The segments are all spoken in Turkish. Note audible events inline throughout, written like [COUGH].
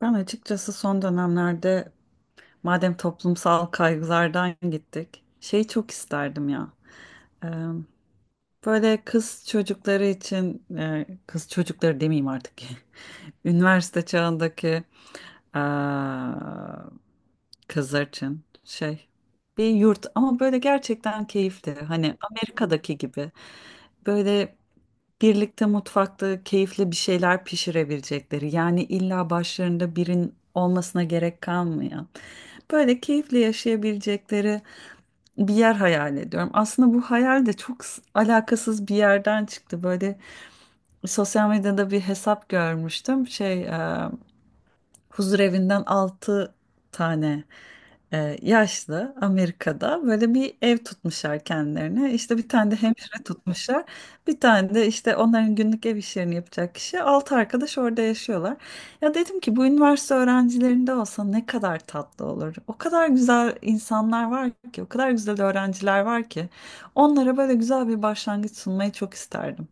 Ben açıkçası son dönemlerde madem toplumsal kaygılardan gittik, şeyi çok isterdim ya. Ee, Böyle kız çocukları için, kız çocukları demeyeyim artık. [LAUGHS] Üniversite çağındaki Aa, Kızarçın şey bir yurt ama böyle gerçekten keyifli. Hani Amerika'daki gibi böyle birlikte mutfakta keyifli bir şeyler pişirebilecekleri. Yani illa başlarında birin olmasına gerek kalmayan. Böyle keyifli yaşayabilecekleri bir yer hayal ediyorum. Aslında bu hayal de çok alakasız bir yerden çıktı. Böyle sosyal medyada bir hesap görmüştüm. Şey huzurevinden 6 tane yaşlı Amerika'da böyle bir ev tutmuşlar kendilerine. İşte bir tane de hemşire tutmuşlar. Bir tane de işte onların günlük ev işlerini yapacak kişi. 6 arkadaş orada yaşıyorlar. Ya dedim ki bu üniversite öğrencilerinde olsa ne kadar tatlı olur. O kadar güzel insanlar var ki, o kadar güzel öğrenciler var ki. Onlara böyle güzel bir başlangıç sunmayı çok isterdim.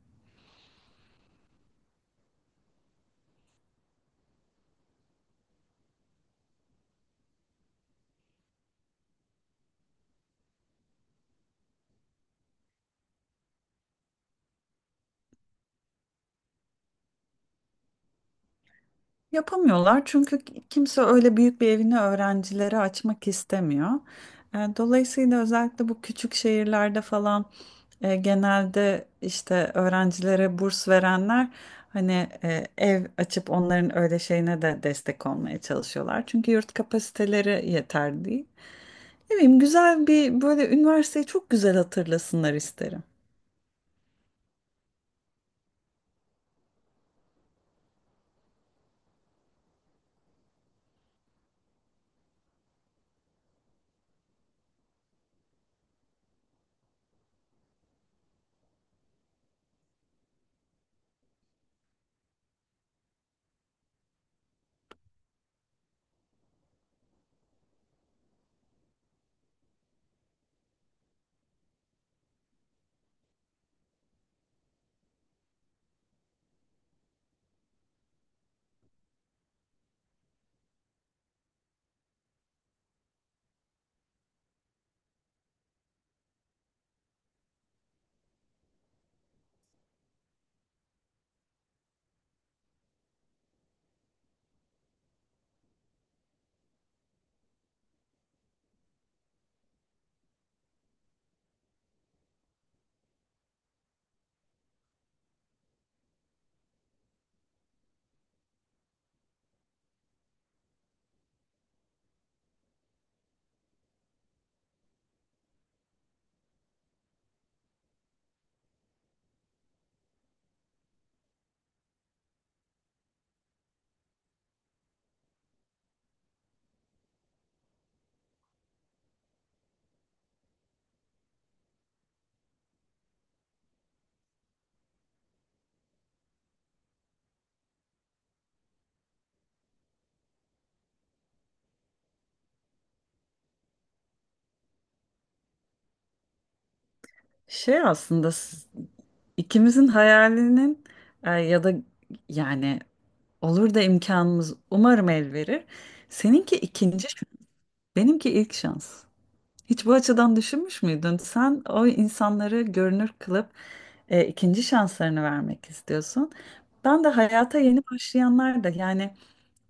Yapamıyorlar çünkü kimse öyle büyük bir evini öğrencilere açmak istemiyor. Dolayısıyla özellikle bu küçük şehirlerde falan genelde işte öğrencilere burs verenler hani ev açıp onların öyle şeyine de destek olmaya çalışıyorlar. Çünkü yurt kapasiteleri yeter değil. Ne bileyim güzel bir böyle üniversiteyi çok güzel hatırlasınlar isterim. Şey aslında ikimizin hayalinin ya da yani olur da imkanımız umarım el verir. Seninki ikinci, şans, benimki ilk şans. Hiç bu açıdan düşünmüş müydün? Sen o insanları görünür kılıp ikinci şanslarını vermek istiyorsun. Ben de hayata yeni başlayanlar da yani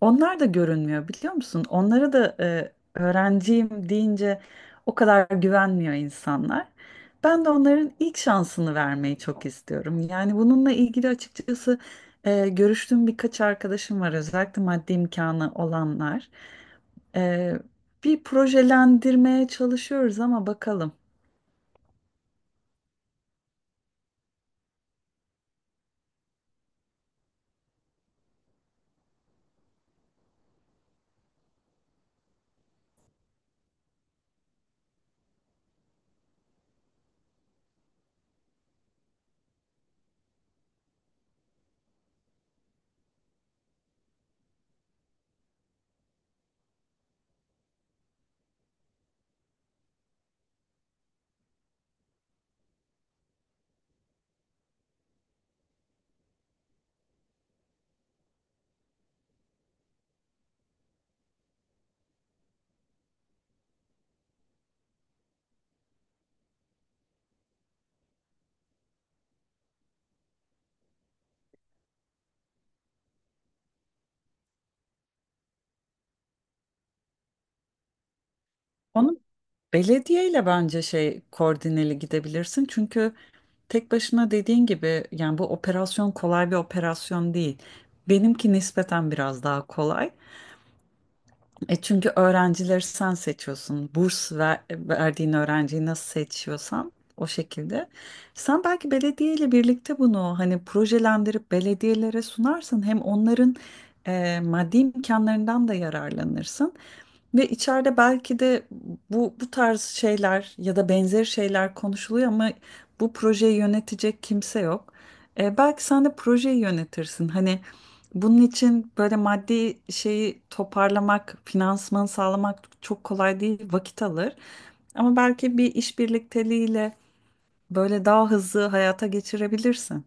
onlar da görünmüyor biliyor musun? Onlara da öğrenciyim deyince o kadar güvenmiyor insanlar. Ben de onların ilk şansını vermeyi çok istiyorum. Yani bununla ilgili açıkçası görüştüğüm birkaç arkadaşım var özellikle maddi imkanı olanlar. E, Bir projelendirmeye çalışıyoruz ama bakalım. Onu belediyeyle bence şey koordineli gidebilirsin. Çünkü tek başına dediğin gibi yani bu operasyon kolay bir operasyon değil. Benimki nispeten biraz daha kolay. E çünkü öğrencileri sen seçiyorsun. Burs ver, verdiğin öğrenciyi nasıl seçiyorsan o şekilde. Sen belki belediyeyle birlikte bunu hani projelendirip belediyelere sunarsın. Hem onların maddi imkanlarından da yararlanırsın. Ve içeride belki de bu tarz şeyler ya da benzeri şeyler konuşuluyor ama bu projeyi yönetecek kimse yok. Belki sen de projeyi yönetirsin. Hani bunun için böyle maddi şeyi toparlamak, finansmanı sağlamak çok kolay değil, vakit alır. Ama belki bir iş birlikteliğiyle böyle daha hızlı hayata geçirebilirsin.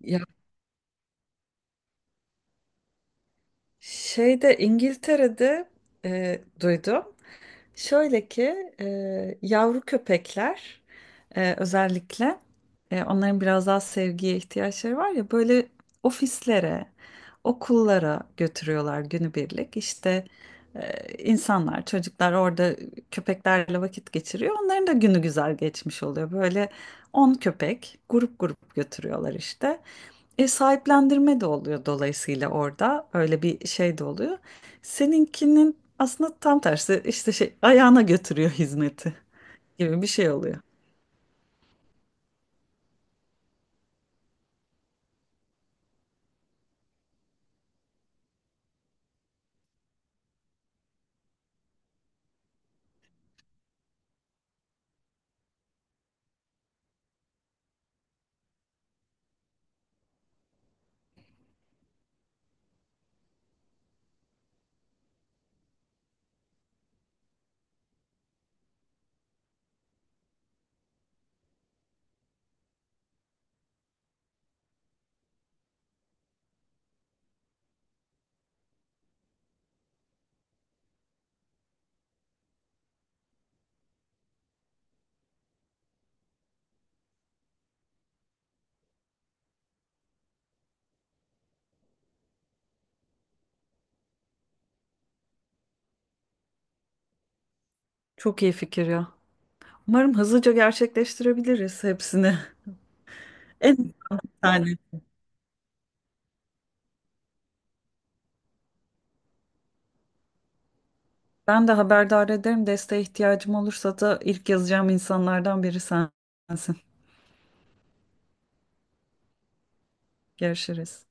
Ya şeyde İngiltere'de duydum. Şöyle ki yavru köpekler özellikle onların biraz daha sevgiye ihtiyaçları var ya böyle ofislere, okullara götürüyorlar günübirlik. İşte insanlar, çocuklar orada köpeklerle vakit geçiriyor. Onların da günü güzel geçmiş oluyor. Böyle 10 köpek grup grup götürüyorlar işte. Sahiplendirme de oluyor dolayısıyla orada öyle bir şey de oluyor. Seninkinin aslında tam tersi işte şey ayağına götürüyor hizmeti gibi bir şey oluyor. Çok iyi fikir ya. Umarım hızlıca gerçekleştirebiliriz hepsini. [LAUGHS] En yani ben de haberdar ederim. Desteğe ihtiyacım olursa da ilk yazacağım insanlardan biri sensin. Görüşürüz.